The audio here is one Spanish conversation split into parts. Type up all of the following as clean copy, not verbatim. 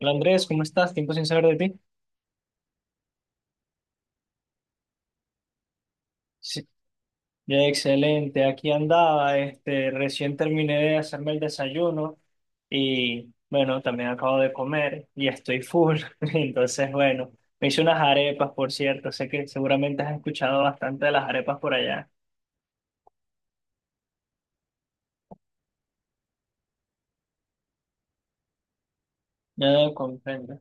Hola Andrés, ¿cómo estás? Tiempo sin saber de ti. Sí. Ya, excelente, aquí andaba, recién terminé de hacerme el desayuno y bueno, también acabo de comer y estoy full. Entonces, bueno, me hice unas arepas, por cierto, sé que seguramente has escuchado bastante de las arepas por allá. Ya comprendo.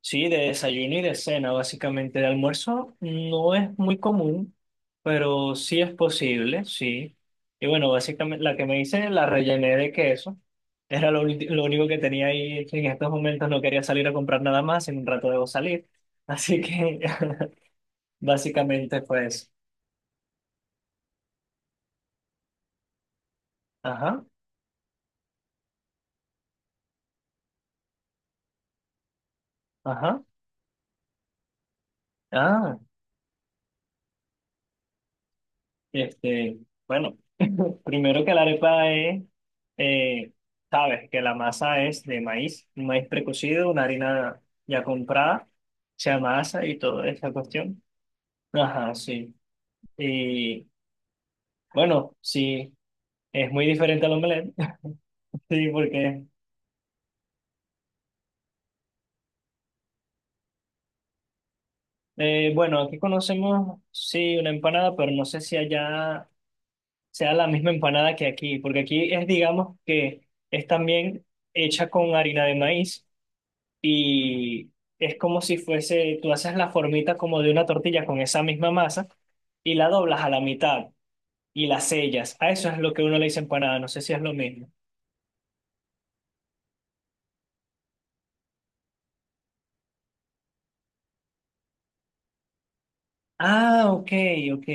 Sí, de desayuno y de cena, básicamente. De almuerzo no es muy común, pero sí es posible, sí. Y bueno, básicamente la que me hice la rellené de queso. Lo único que tenía ahí. En estos momentos no quería salir a comprar nada más, en un rato debo salir. Así que básicamente fue eso. Ajá, ajá. Ah. Este, bueno, primero que la arepa es, eh, sabes que la masa es de maíz, un maíz precocido, una harina ya comprada, se amasa y toda esa cuestión. Ajá, sí. Y bueno, sí, es muy diferente al omelette, sí, porque, bueno, aquí conocemos, sí, una empanada, pero no sé si allá sea la misma empanada que aquí, porque aquí es, digamos, que es también hecha con harina de maíz y es como si fuese, tú haces la formita como de una tortilla con esa misma masa y la doblas a la mitad y la sellas. A eso es lo que uno le dice empanada, no sé si es lo mismo. Ah, ok, ok.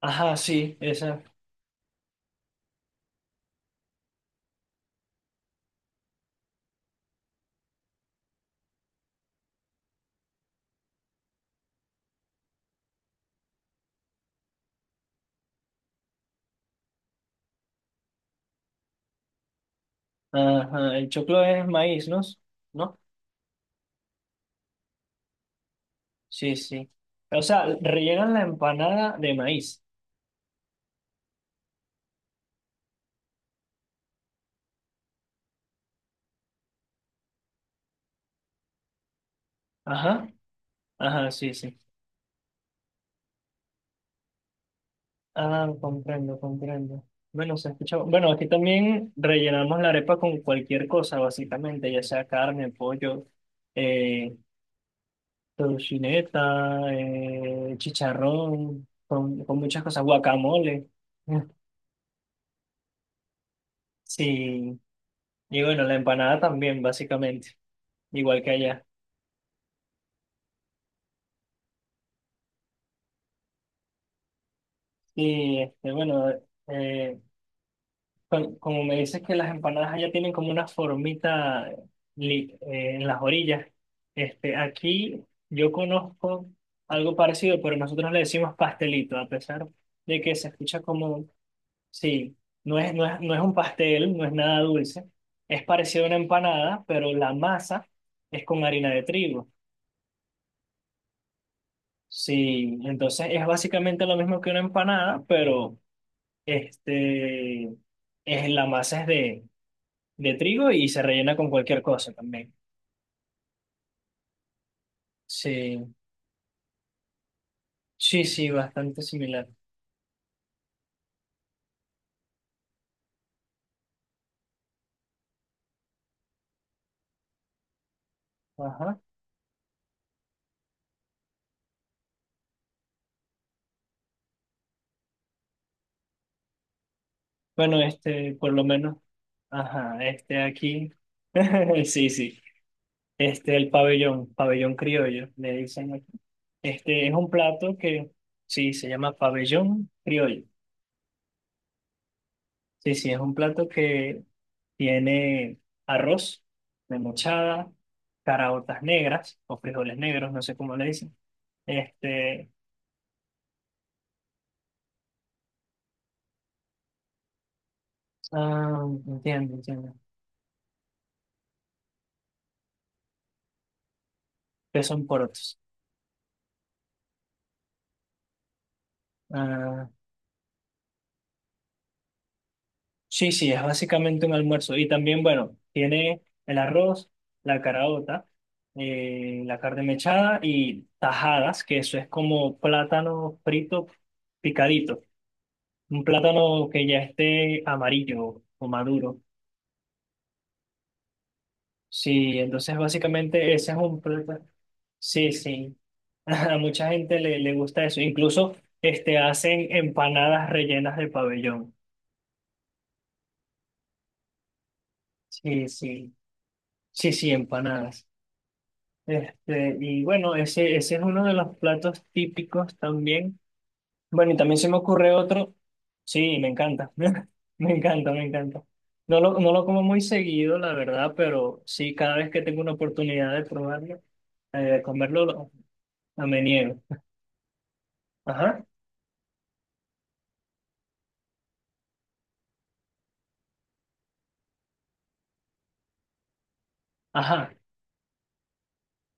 Ajá, sí, esa. Ajá, el choclo es maíz, ¿no? ¿No? Sí, sí. O sea, rellenan la empanada de maíz. Ajá, ajá, sí, sí. Ah, comprendo, comprendo. Bueno, se escucha. Bueno, aquí también rellenamos la arepa con cualquier cosa, básicamente, ya sea carne, pollo, eh, tocineta, chicharrón, con muchas cosas, guacamole. Mm. Sí, y bueno, la empanada también, básicamente, igual que allá. Y bueno, eh, Como me dices que las empanadas allá tienen como una formita en las orillas, este, aquí yo conozco algo parecido, pero nosotros le decimos pastelito, a pesar de que se escucha como, sí, no es un pastel, no es nada dulce, es parecido a una empanada, pero la masa es con harina de trigo. Sí, entonces es básicamente lo mismo que una empanada, pero este, es, la masa de trigo y se rellena con cualquier cosa también. Sí, sí, sí, bastante similar. Ajá. Bueno, este, por lo menos, ajá, este aquí, sí, sí, el pabellón, pabellón criollo, le dicen aquí. Este es un plato que, sí, se llama pabellón criollo. Sí, sí, es un plato que tiene arroz, memochada, caraotas negras o frijoles negros, no sé cómo le dicen. Este, ah, entiendo, entiendo. Que son porotos. Ah, sí, sí, es básicamente un almuerzo. Y también, bueno, tiene el arroz, la caraota, la carne mechada y tajadas, que eso es como plátano frito picadito. Un plátano que ya esté amarillo o maduro. Sí, entonces básicamente ese es un plátano. Sí, sí. A mucha gente le gusta eso. Incluso hacen empanadas rellenas de pabellón. Sí, sí. Sí, sí, empanadas. Y bueno, ese es uno de los platos típicos también. Bueno, y también se me ocurre otro. Sí, me encanta. Me encanta, me encanta. No lo como muy seguido, la verdad, pero sí, cada vez que tengo una oportunidad de probarlo, de comerlo, a me niego. Ajá, ajá.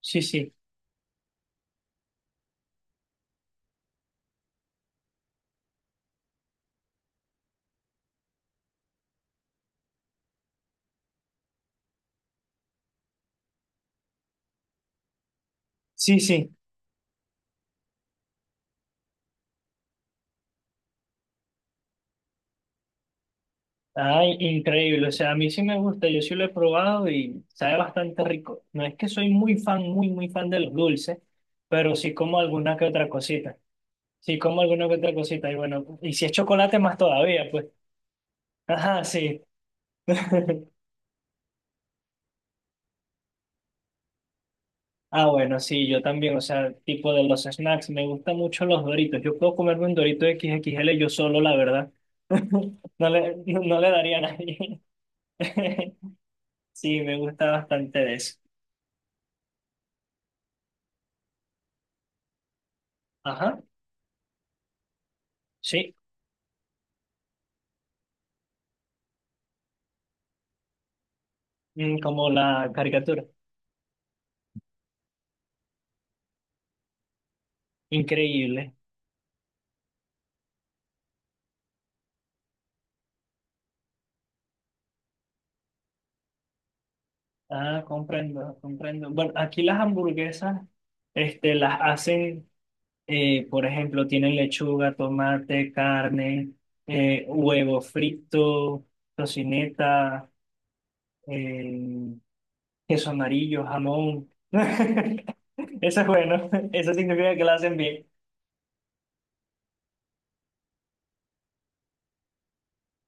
Sí, sí. Sí, sí. Ay, increíble, o sea, a mí sí me gusta, yo sí lo he probado y sabe bastante rico. No es que soy muy fan, muy fan de los dulces, pero sí como alguna que otra cosita. Sí como alguna que otra cosita y bueno, y si es chocolate más todavía, pues. Ajá, sí. Ah, bueno, sí, yo también, o sea, tipo de los snacks, me gustan mucho los Doritos. Yo puedo comerme un Dorito x XXL yo solo, la verdad. No le daría a nadie. Sí, me gusta bastante de eso. Ajá. Sí, Mm, como la caricatura. Increíble. Ah, comprendo, comprendo. Bueno, aquí las hamburguesas, las hacen, por ejemplo, tienen lechuga, tomate, carne, huevo frito, tocineta, eh, queso amarillo, jamón. Eso es bueno. Eso significa que la hacen bien.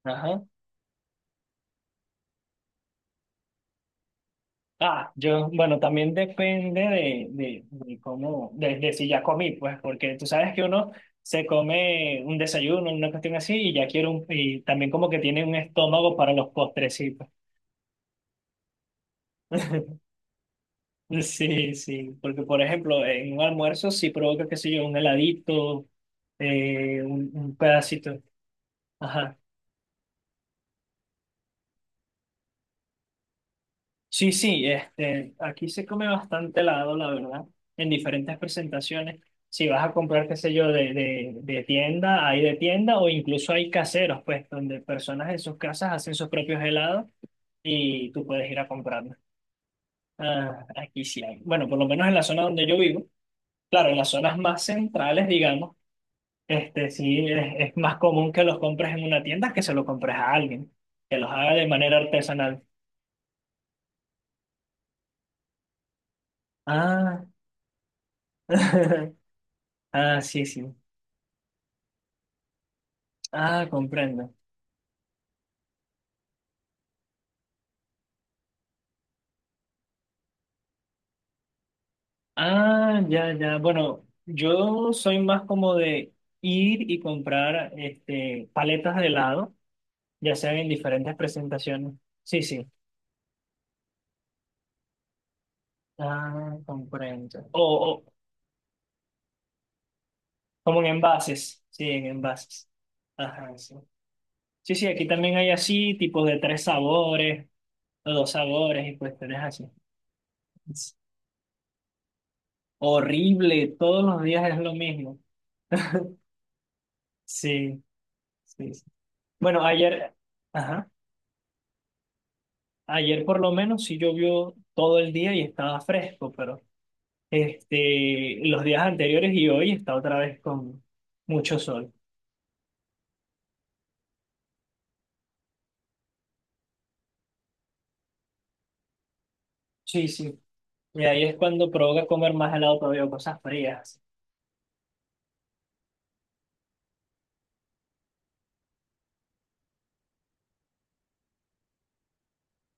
Ajá. Ah, yo, bueno, también depende de cómo, de si ya comí, pues, porque tú sabes que uno se come un desayuno, una cuestión así, y ya quiero un, y también como que tiene un estómago para los postrecitos. Sí, sí, porque por ejemplo, en un almuerzo sí provoca, qué sé yo, un heladito, un pedacito. Ajá. Sí, sí, aquí se come bastante helado, la verdad, en diferentes presentaciones. Si vas a comprar, qué sé yo, de tienda, hay de tienda o incluso hay caseros, pues, donde personas en sus casas hacen sus propios helados y tú puedes ir a comprarlos. Ah, aquí sí hay. Bueno, por lo menos en la zona donde yo vivo, claro, en las zonas más centrales, digamos, sí es más común que los compres en una tienda que se lo compres a alguien, que los haga de manera artesanal. Ah, ah, sí, sí. Ah, comprendo. Ah, ya, ya. Bueno, yo soy más como de ir y comprar paletas de helado, ya sean en diferentes presentaciones. Sí, sí. Ah, comprendo. O como en envases. Sí, en envases. Ajá, sí. Sí, sí, aquí también hay así, tipos de 3 sabores, o 2 sabores y cuestiones así. Es horrible, todos los días es lo mismo. Sí, sí. Sí. Bueno, ayer. Ajá. Ayer por lo menos sí llovió todo el día y estaba fresco, pero los días anteriores y hoy está otra vez con mucho sol. Sí, sí. Y ahí es cuando provoca comer más helado todavía, o cosas frías.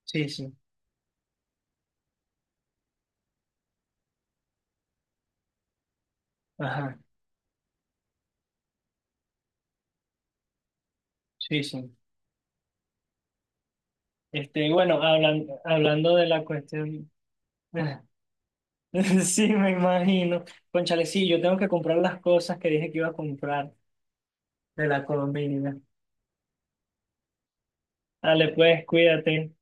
Sí, sí. Ajá. Sí, sí. Y bueno, hablando de la cuestión. Sí, me imagino. Cónchale, sí, yo tengo que comprar las cosas que dije que iba a comprar de la comida. Dale, pues, cuídate.